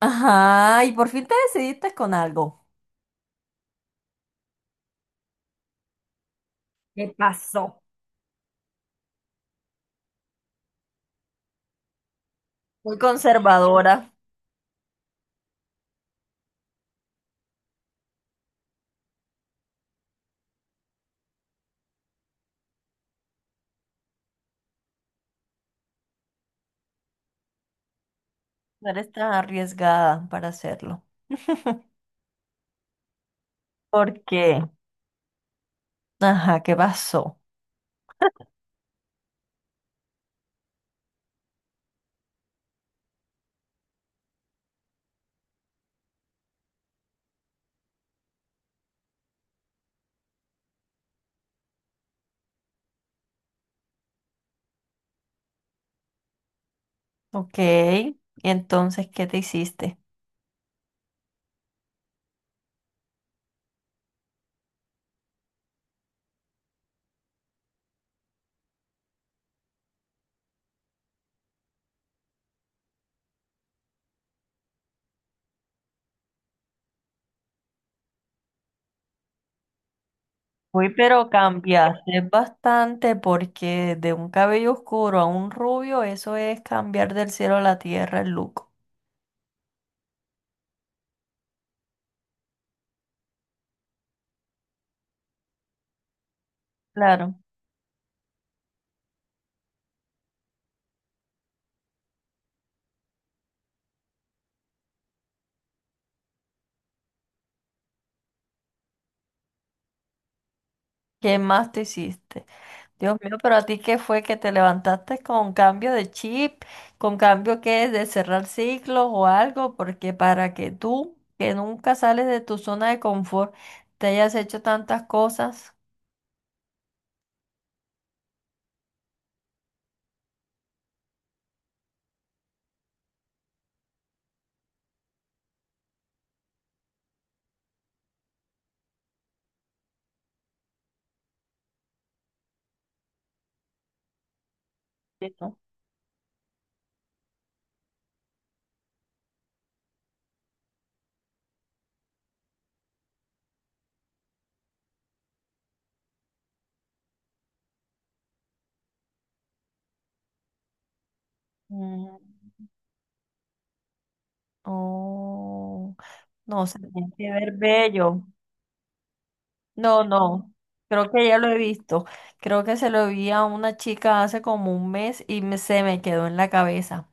Ajá, y por fin te decidiste con algo. ¿Qué pasó? Muy conservadora. No eres tan arriesgada para hacerlo. ¿Por qué? Ajá, ¿qué pasó? Ok. ¿Y entonces qué te hiciste? Uy, pero cambiaste bastante porque de un cabello oscuro a un rubio, eso es cambiar del cielo a la tierra el look. Claro. ¿Qué más te hiciste? Dios mío, pero a ti qué fue que te levantaste con cambio de chip, con cambio que de cerrar ciclos o algo, porque para que tú, que nunca sales de tu zona de confort, te hayas hecho tantas cosas. Que No, Mm, oh, no, se tiene que ver bello. No, no, creo que ya lo he visto. Creo que se lo vi a una chica hace como un mes y se me quedó en la cabeza.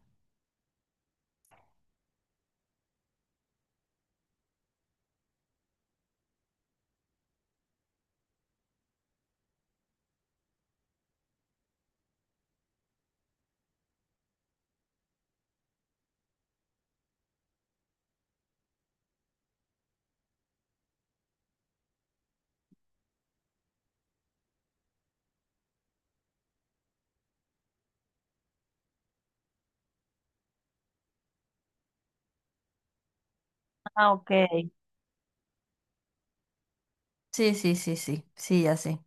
Ah, ok. Sí, sí, sí, sí, sí, ya sé.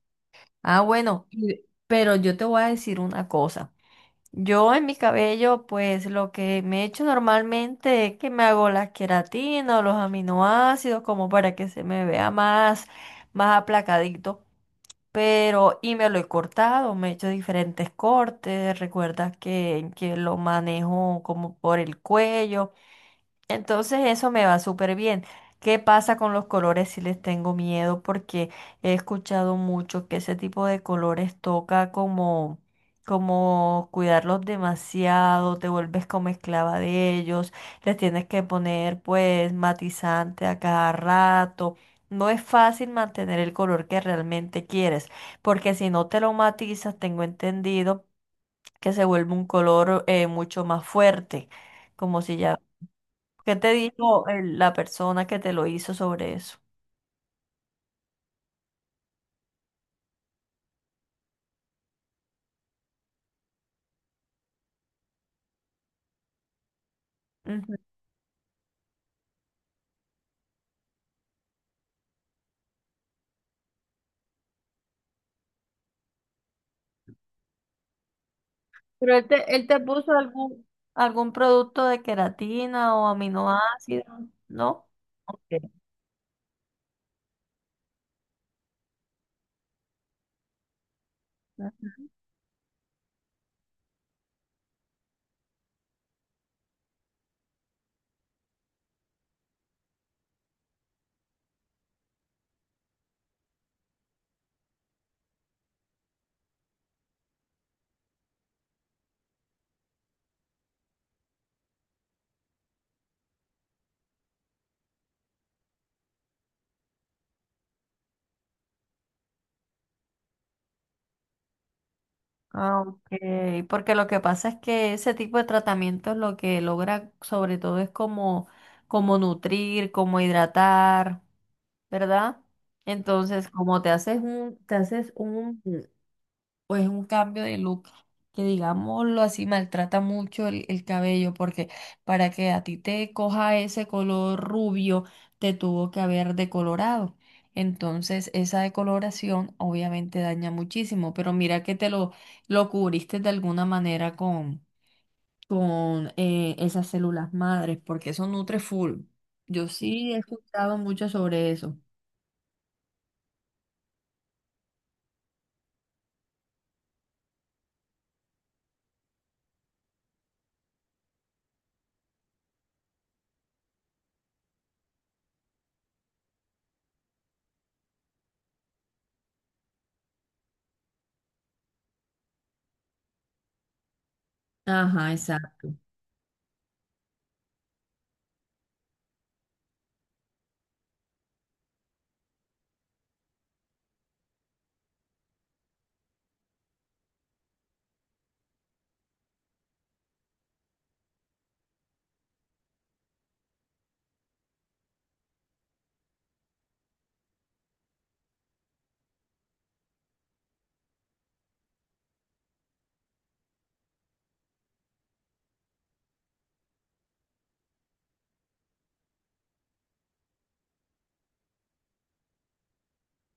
Ah, bueno, pero yo te voy a decir una cosa. Yo en mi cabello, pues lo que me echo normalmente es que me hago las queratinas, los aminoácidos, como para que se me vea más, más aplacadito. Pero, y me lo he cortado, me he hecho diferentes cortes. Recuerdas que lo manejo como por el cuello. Entonces eso me va súper bien. ¿Qué pasa con los colores si les tengo miedo? Porque he escuchado mucho que ese tipo de colores toca como, como cuidarlos demasiado, te vuelves como esclava de ellos, les tienes que poner pues matizante a cada rato. No es fácil mantener el color que realmente quieres, porque si no te lo matizas, tengo entendido que se vuelve un color mucho más fuerte, como si ya... ¿Qué te dijo la persona que te lo hizo sobre eso? Ujú. Pero él te puso algún, algún producto de queratina o aminoácidos, ¿no? Ok. Ah, ok, porque lo que pasa es que ese tipo de tratamientos lo que logra sobre todo es como, como nutrir, como hidratar, ¿verdad? Entonces, como te haces un, o es un cambio de look que, digámoslo así, maltrata mucho el cabello, porque para que a ti te coja ese color rubio, te tuvo que haber decolorado. Entonces, esa decoloración obviamente daña muchísimo, pero mira que te lo cubriste de alguna manera con esas células madres, porque eso nutre full. Yo sí he escuchado mucho sobre eso. Ajá, exacto.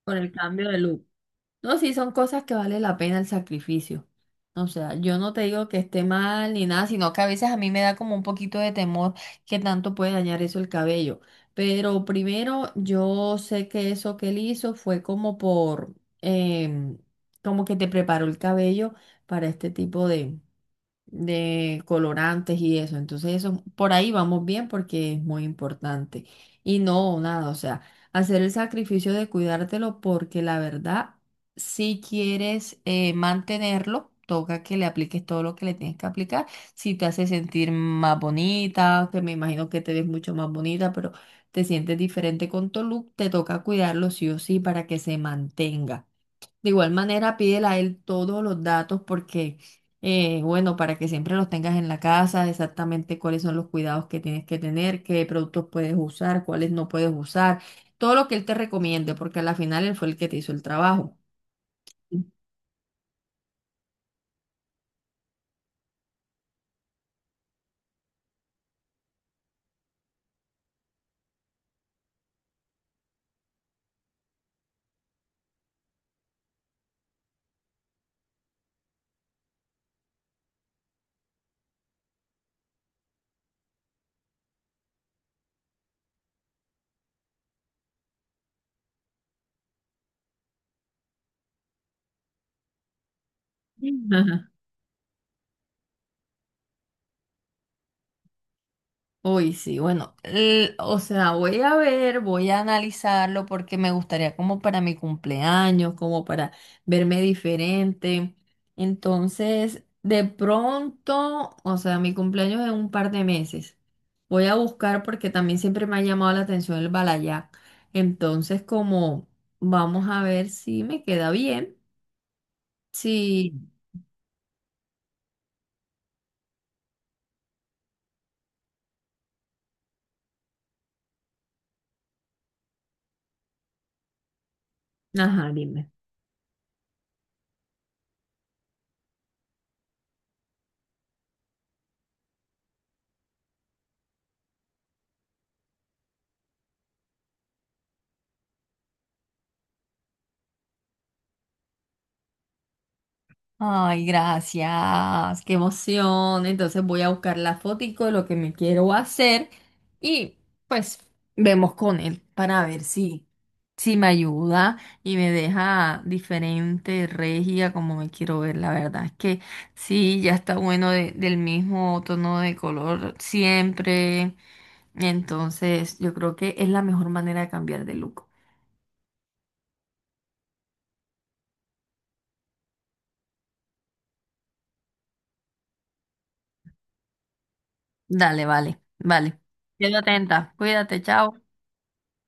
Por el cambio de look. No, sí, son cosas que vale la pena el sacrificio. O sea, yo no te digo que esté mal ni nada, sino que a veces a mí me da como un poquito de temor que tanto puede dañar eso el cabello. Pero primero, yo sé que eso que él hizo fue como por, em, como que te preparó el cabello para este tipo de colorantes y eso. Entonces, eso por ahí vamos bien porque es muy importante. Y no, nada, o sea, hacer el sacrificio de cuidártelo porque la verdad, si quieres mantenerlo, toca que le apliques todo lo que le tienes que aplicar. Si te hace sentir más bonita, que me imagino que te ves mucho más bonita, pero te sientes diferente con tu look, te toca cuidarlo sí o sí para que se mantenga. De igual manera, pídele a él todos los datos porque, bueno, para que siempre los tengas en la casa, exactamente cuáles son los cuidados que tienes que tener, qué productos puedes usar, cuáles no puedes usar, todo lo que él te recomiende, porque a la final él fue el que te hizo el trabajo. Sí. Uy, sí, bueno, o sea, voy a ver, voy a analizarlo porque me gustaría como para mi cumpleaños, como para verme diferente. Entonces, de pronto, o sea, mi cumpleaños es en un par de meses. Voy a buscar porque también siempre me ha llamado la atención el balayac. Entonces, como vamos a ver si me queda bien. Sí, ajá, dime. Ay, gracias, qué emoción. Entonces voy a buscar la fotico de lo que me quiero hacer y pues vemos con él para ver si, si me ayuda y me deja diferente, regia, como me quiero ver. La verdad es que sí, ya está bueno del mismo tono de color siempre. Entonces yo creo que es la mejor manera de cambiar de look. Dale, vale, vale. Quedo atenta, cuídate, chao.